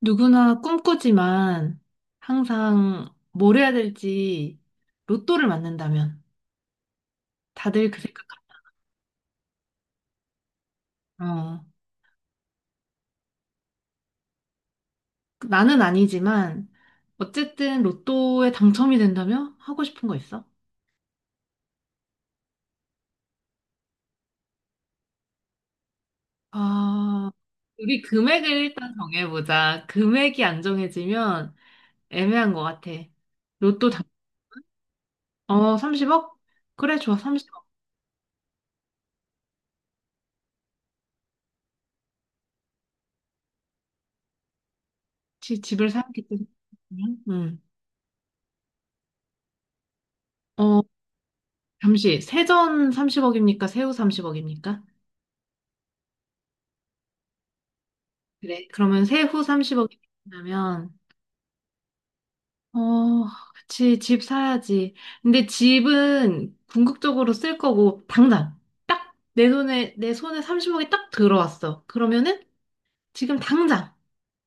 누구나 꿈꾸지만 항상 뭘 해야 될지. 로또를 맞는다면 다들 그 생각, 어, 나는 아니지만 어쨌든 로또에 당첨이 된다면 하고 싶은 거 있어? 아, 우리 금액을 일단 정해보자. 금액이 안 정해지면 애매한 것 같아. 로또 당, 어, 30억? 그래, 좋아, 30억. 집을 사야겠지. 응. 어, 잠시, 세전 30억입니까? 세후 30억입니까? 그래. 그러면 세후 30억이 나면, 어, 그치, 집 사야지. 근데 집은 궁극적으로 쓸 거고, 당장. 딱 내 손에 30억이 딱 들어왔어. 그러면은 지금 당장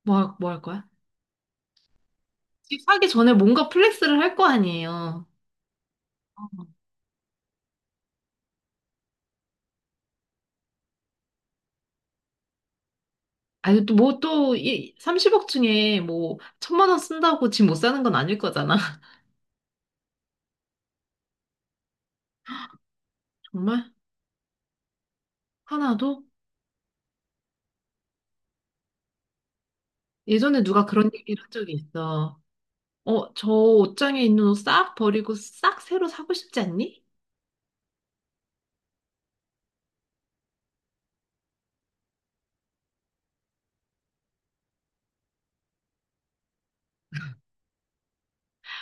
뭐 할 거야? 집 사기 전에 뭔가 플렉스를 할 거 아니에요. 아니, 이 30억 중에 뭐, 1,000만 원 쓴다고 집 못 사는 건 아닐 거잖아. 정말? 하나도? 예전에 누가 그런 얘기를 한 적이 있어. 어, 저 옷장에 있는 옷 싹 버리고 싹 새로 사고 싶지 않니?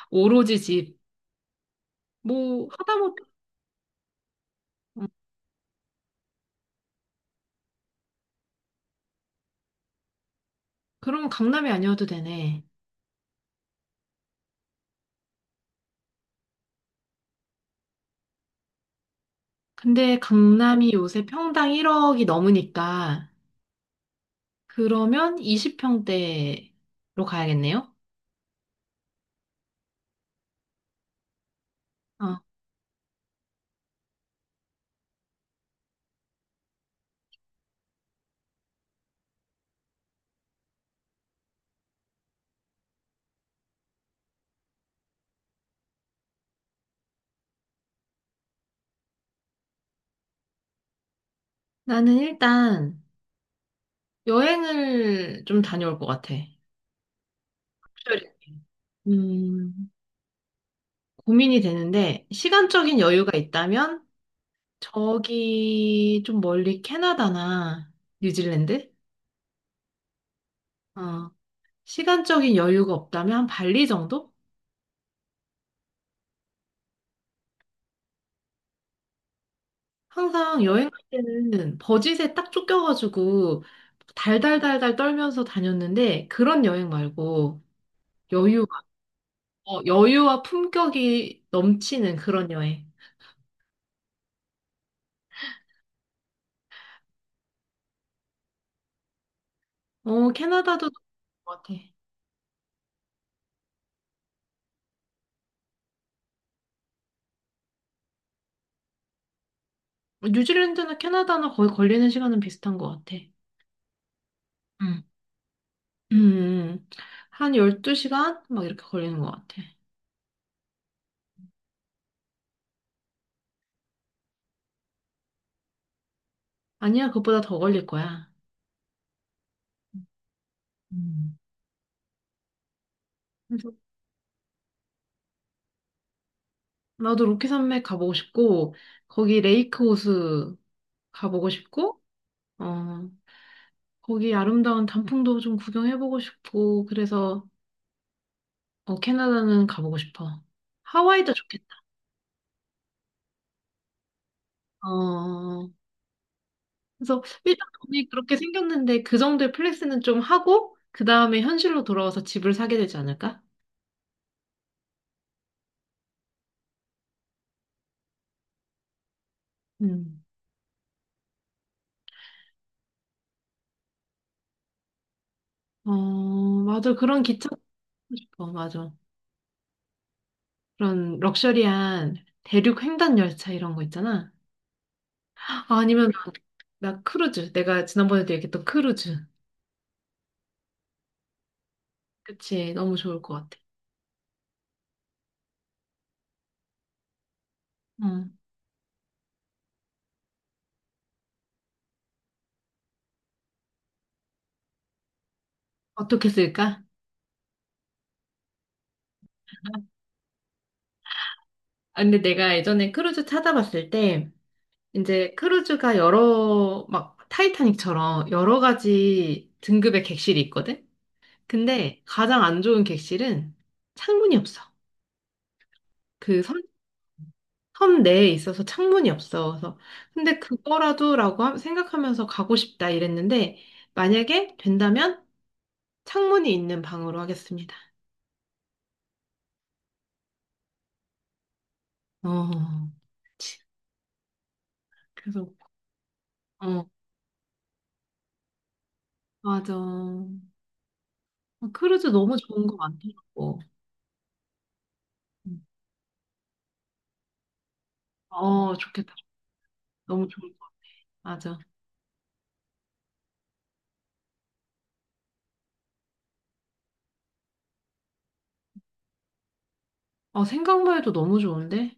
오로지 집. 뭐, 하다못해. 음, 그럼 강남이 아니어도 되네. 근데 강남이 요새 평당 1억이 넘으니까, 그러면 20평대로 가야겠네요? 어, 나는 일단 여행을 좀 다녀올 것 같아. 특별히 음, 고민이 되는데, 시간적인 여유가 있다면, 저기 좀 멀리 캐나다나 뉴질랜드? 어, 시간적인 여유가 없다면 한 발리 정도? 항상 여행 갈 때는 버짓에 딱 쫓겨가지고 달달달달 떨면서 다녔는데 그런 여행 말고 여유가, 어, 여유와 품격이 넘치는 그런 여행. 어, 캐나다도 그런 것 같아. 뉴질랜드나 캐나다나 거의 걸리는 시간은 비슷한 것 같아. 응. 음, 음. 한 12시간? 막 이렇게 걸리는 것 같아. 아니야, 그것보다 더 걸릴 거야. 음. 나도 로키 산맥 가보고 싶고, 거기 레이크 호수 가보고 싶고, 어, 거기 아름다운 단풍도 좀 구경해보고 싶고, 그래서, 어, 캐나다는 가보고 싶어. 하와이도 좋겠다. 어, 그래서 일단 돈이 그렇게 생겼는데 그 정도의 플렉스는 좀 하고, 그 다음에 현실로 돌아와서 집을 사게 되지 않을까? 음. 어, 맞아. 그런 기차 타고 싶어. 맞아. 그런 럭셔리한 대륙 횡단 열차 이런 거 있잖아. 아니면 나 크루즈. 내가 지난번에도 얘기했던 크루즈. 그치. 너무 좋을 것 같아. 응. 어떻게 쓸까? 아, 근데 내가 예전에 크루즈 찾아봤을 때, 이제 크루즈가 여러, 막, 타이타닉처럼 여러 가지 등급의 객실이 있거든? 근데 가장 안 좋은 객실은 창문이 없어. 그 섬, 섬 내에 있어서 창문이 없어. 그래서, 근데 그거라도라고 생각하면서 가고 싶다 이랬는데, 만약에 된다면 창문이 있는 방으로 하겠습니다. 어, 치, 그래서, 어, 맞아. 어, 크루즈 너무 좋은 거 많더라고. 음. 어, 좋겠다. 너무 좋을 것 같아. 맞아. 어, 생각만 해도 너무 좋은데?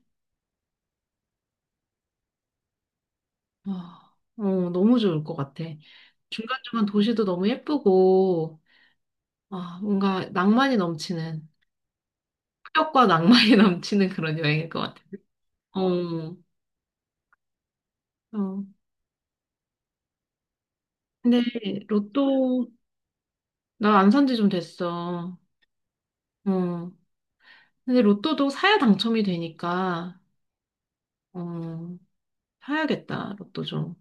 어, 어, 너무 좋을 것 같아. 중간중간 도시도 너무 예쁘고, 아, 뭔가 낭만이 넘치는, 폭력과 낭만이 넘치는 그런 여행일 것 같아. 어, 어. 근데 로또, 나 안 산지 좀 됐어. 어. 근데 로또도 사야 당첨이 되니까, 어, 사야겠다, 로또 좀.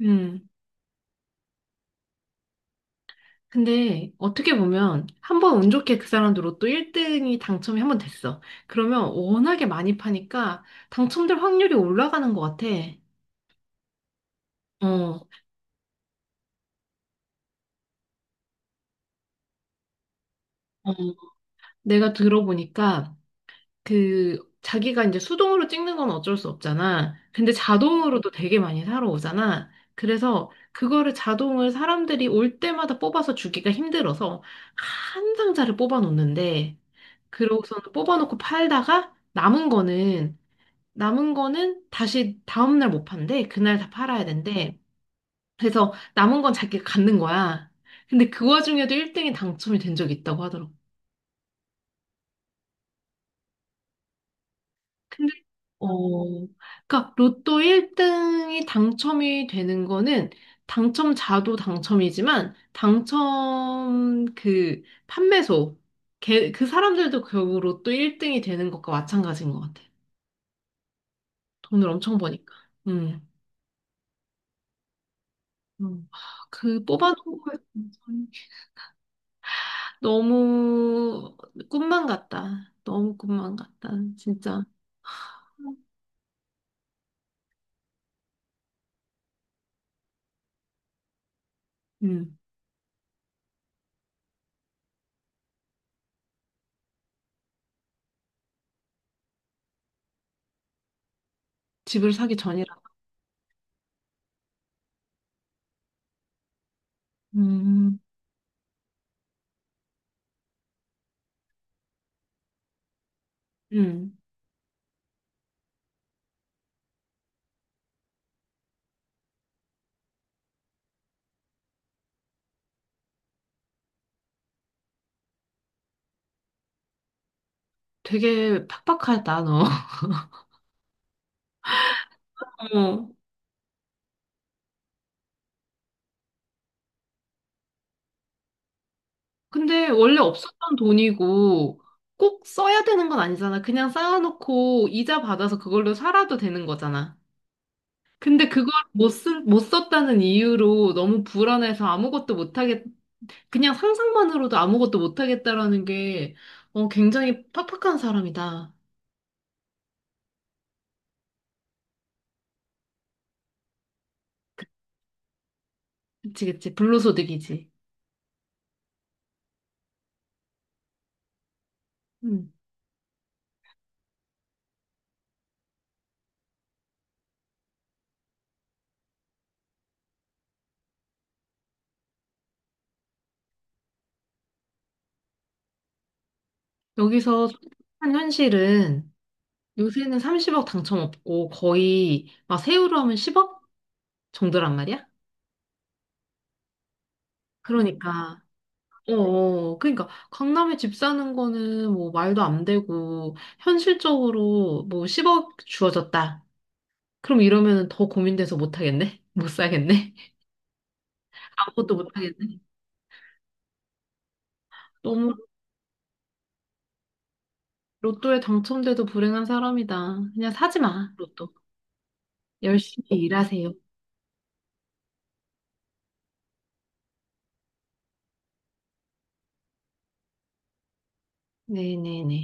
음. 근데 어떻게 보면 한 번 운 좋게 그 사람도 로또 1등이 당첨이 한 번 됐어. 그러면 워낙에 많이 파니까 당첨될 확률이 올라가는 것 같아. 어, 어. 내가 들어보니까 그 자기가 이제 수동으로 찍는 건 어쩔 수 없잖아. 근데 자동으로도 되게 많이 사러 오잖아. 그래서 그거를 자동을 사람들이 올 때마다 뽑아서 주기가 힘들어서 한 상자를 뽑아 놓는데 그러고서는 뽑아 놓고 팔다가 남은 거는 남은 거는 다시 다음 날 못 판대. 그날 다 팔아야 된대. 그래서 남은 건 자기가 갖는 거야. 근데 그 와중에도 1등이 당첨이 된 적이 있다고 하더라고. 근데 어, 그러니까 로또 1등이 당첨이 되는 거는 당첨자도 당첨이지만 당첨 그 판매소 걔, 그 사람들도 결국 로또 1등이 되는 것과 마찬가지인 것 같아. 돈을 엄청 버니까. 음. 음. 그 뽑아놓은 거에 당첨이 너무 꿈만 같다. 너무 꿈만 같다. 진짜. 음. 집을 사기 전이라. 음. 음. 되게 팍팍하다, 너. 어. 근데 원래 없었던 돈이고 꼭 써야 되는 건 아니잖아. 그냥 쌓아놓고 이자 받아서 그걸로 살아도 되는 거잖아. 근데 그걸 못 썼다는 이유로 너무 불안해서 아무것도 못 하겠, 그냥 상상만으로도 아무것도 못 하겠다라는 게 어, 굉장히 팍팍한 사람이다. 그치, 그치. 불로소득이지. 음. 여기서 한 현실은 요새는 30억 당첨 없고 거의 막 세후로 하면 10억 정도란 말이야? 그러니까 어, 어. 그러니까 강남에 집 사는 거는 뭐 말도 안 되고 현실적으로 뭐 10억 주어졌다. 그럼 이러면 더 고민돼서 못 하겠네? 못 사겠네? 아무것도 못 하겠네? 너무 로또에 당첨돼도 불행한 사람이다. 그냥 사지 마, 로또. 열심히 일하세요. 네네네.